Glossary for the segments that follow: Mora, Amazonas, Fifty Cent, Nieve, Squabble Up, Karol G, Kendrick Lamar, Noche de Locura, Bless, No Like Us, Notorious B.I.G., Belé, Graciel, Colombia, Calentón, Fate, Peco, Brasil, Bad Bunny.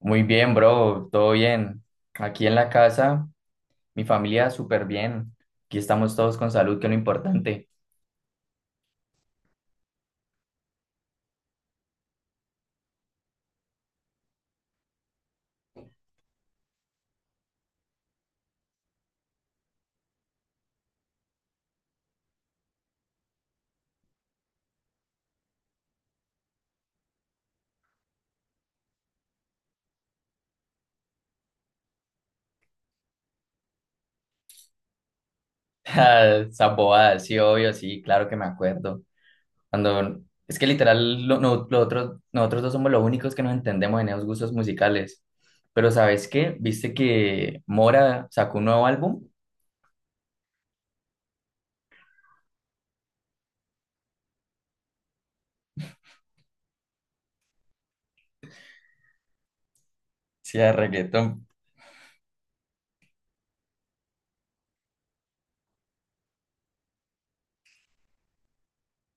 Muy bien, bro, todo bien. Aquí en la casa, mi familia súper bien. Aquí estamos todos con salud, que es lo importante. Ah, esa bobada, sí, obvio, sí, claro que me acuerdo. Cuando, es que literal, lo, no- lo otro- nosotros dos somos los únicos que nos entendemos en esos gustos musicales. Pero ¿sabes qué? ¿Viste que Mora sacó un nuevo álbum? Sí, de reggaetón.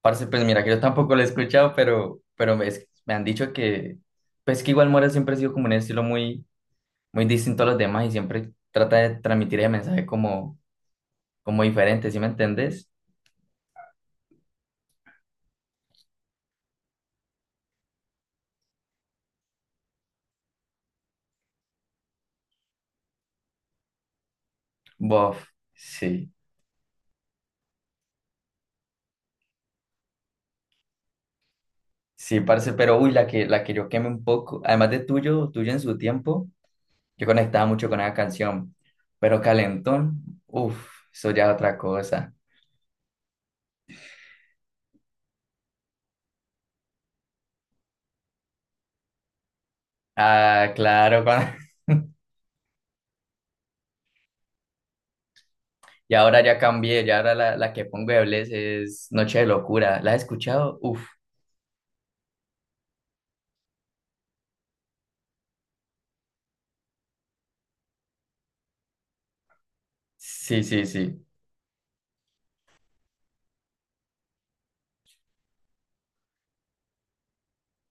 Parce, pues mira que yo tampoco lo he escuchado, pero me han dicho que, pues que igual Mora siempre ha sido como un estilo muy muy distinto a los demás y siempre trata de transmitir el mensaje como diferente, ¿sí me entendés? Bof, sí, sí, parce, pero uy, la que yo quemé un poco, además de tuyo en su tiempo, yo conectaba mucho con esa canción, pero Calentón, uff, eso ya es otra cosa. Ah, claro. Y ahora ya cambié, ya ahora la que pongo de Bless es Noche de Locura, ¿la has escuchado? Uff, sí, sí, sí.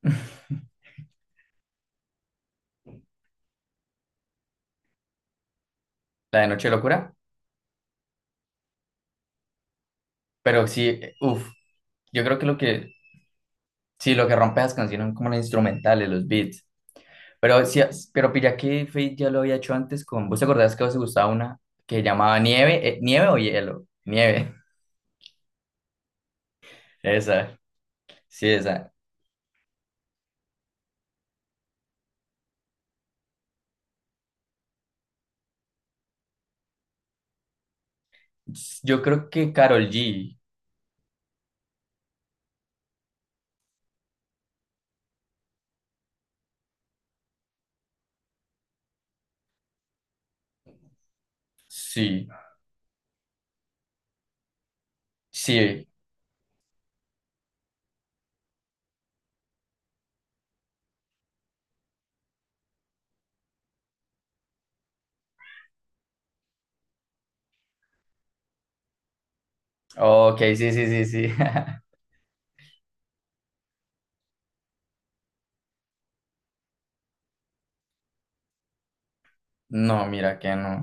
La de Noche de Locura, pero sí, uff, yo creo que lo que sí, lo que rompe las canciones son como los instrumentales, los beats. Pero sí, pero pilla que Fate ya lo había hecho antes con. ¿Vos te acordás que a vos te gustaba una que llamaba Nieve? ¿Nieve o Hielo? Nieve. Esa. Sí, esa. Yo creo que Karol G. Sí. Sí. Ok, sí, sí, sí, sí. No, mira que no.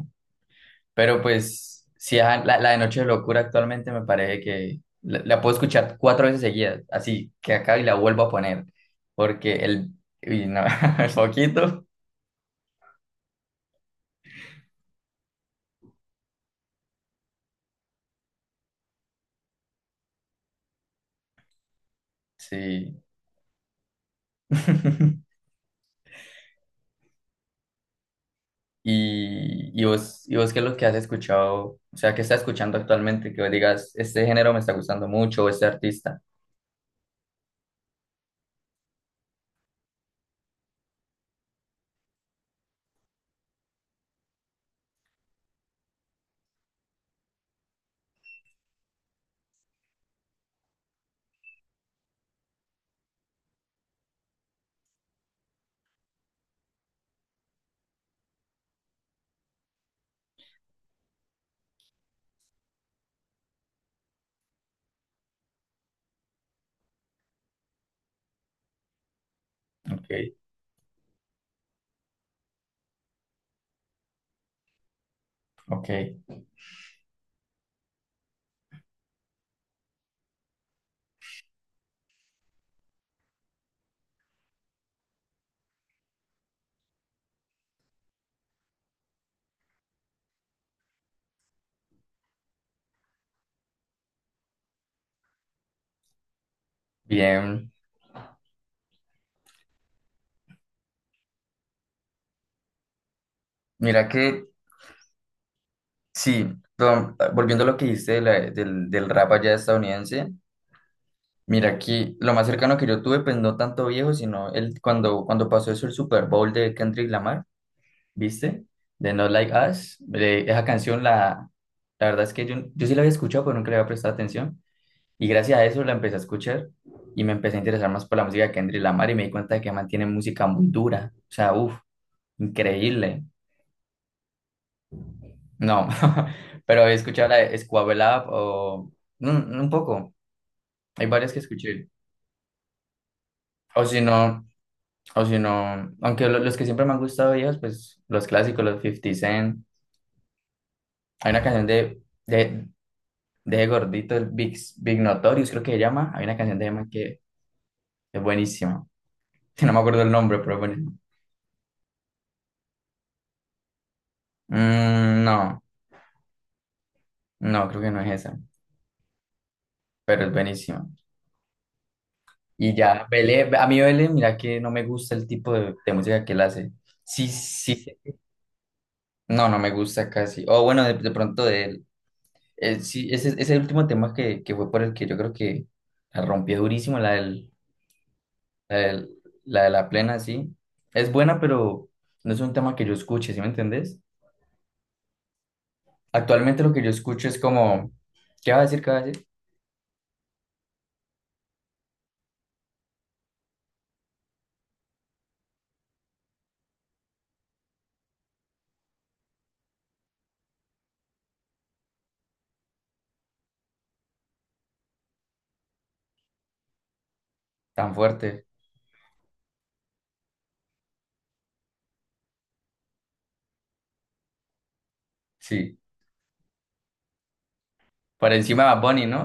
Pero pues, sí, ajá, la de Noche de Locura actualmente me parece que la puedo escuchar cuatro veces seguidas, así que acá y la vuelvo a poner, porque el, uy, no, el poquito, sí. Y vos, ¿qué es lo que has escuchado? O sea, ¿qué estás escuchando actualmente? Que vos digas, este género me está gustando mucho, o este artista. Ok, ok, bien. Mira que, sí, volviendo a lo que dijiste de del rap allá estadounidense. Mira, aquí lo más cercano que yo tuve, pues no tanto viejo, sino el, cuando pasó eso el Super Bowl de Kendrick Lamar, ¿viste? De No Like Us. Esa canción, la verdad es que yo sí la había escuchado, pero nunca le había prestado atención. Y gracias a eso la empecé a escuchar y me empecé a interesar más por la música de Kendrick Lamar y me di cuenta de que mantiene música muy dura. O sea, uff, increíble. No, pero he escuchado la de Squabble Up o mm, un poco. Hay varias que escuché. O si no. O si no, aunque los que siempre me han gustado ellos, pues los clásicos, los Fifty Cent. Hay una canción de, de Gordito, el Big, Big Notorious, creo que se llama. Hay una canción de Emma que es buenísima. No me acuerdo el nombre, pero es buenísima. Mm, no, no, creo que no es esa, pero es buenísima. Y ya, Belé, a mí Belé, mira que no me gusta el tipo de música que él hace. Sí, sí, no, no me gusta casi. O bueno, de pronto de él. Sí, ese es el último tema que fue por el que yo creo que la rompió durísimo, la del- la de la plena, sí. Es buena, pero no es un tema que yo escuche, ¿sí me entendés? Actualmente lo que yo escucho es como, ¿qué va a decir, qué va a decir? Tan fuerte, sí. Por encima de Bad Bunny, ¿no?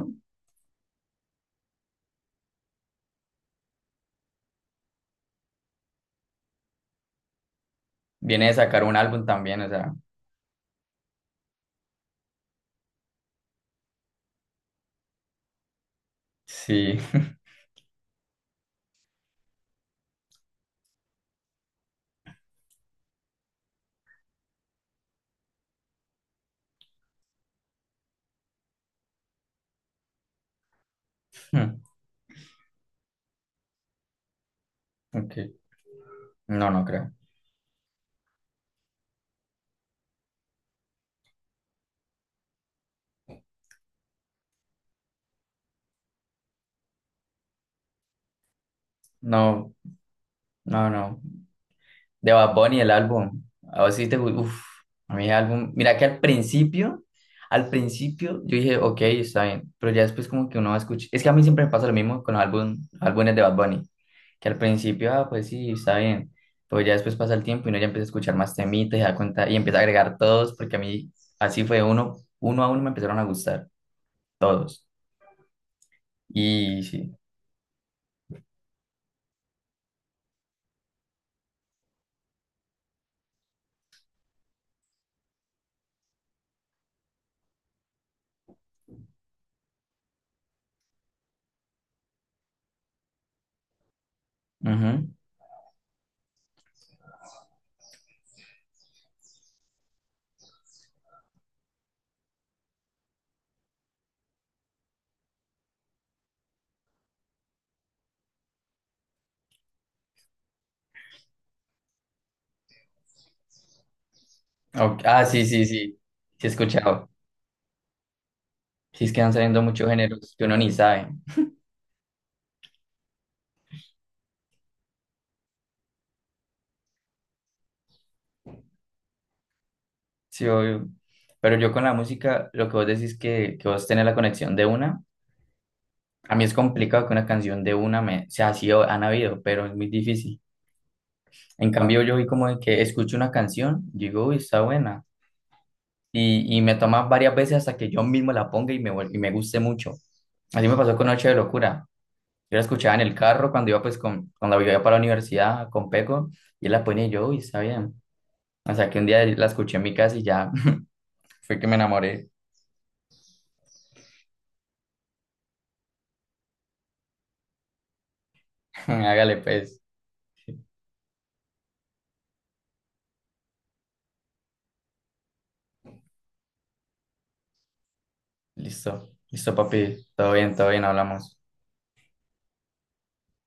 Viene de sacar un álbum también, o sea, sí. Ok, no, no creo. No, no, no. De Bad Bunny, el álbum. A vos sí uf, a mí el álbum. Mira que al principio yo dije, ok, está bien, pero ya después como que uno va a escuchar. Es que a mí siempre me pasa lo mismo con los álbumes de Bad Bunny, que al principio, ah, pues sí, está bien, pero ya después pasa el tiempo y uno ya empieza a escuchar más temitas y da cuenta y empieza a agregar todos, porque a mí así fue uno a uno me empezaron a gustar, todos. Y sí. Ujú. Ok, ah, sí, sí, sí, sí he escuchado. Sí, es que van saliendo muchos géneros que uno ni sabe. Sí, obvio. Pero yo con la música, lo que vos decís que vos tenés la conexión de una, a mí es complicado que una canción de una me, o sea así, han habido, pero es muy difícil. En cambio, yo vi como de que escucho una canción, digo, uy, está buena. Y me toma varias veces hasta que yo mismo la ponga y me guste mucho. Así me pasó con Noche de Locura. Yo la escuchaba en el carro cuando iba, pues, cuando iba para la universidad con Peco, y él la ponía y yo, uy, está bien. O sea, que un día la escuché en mi casa y ya fue que me enamoré. Hágale, pues. Listo, listo, papi. Todo bien, hablamos.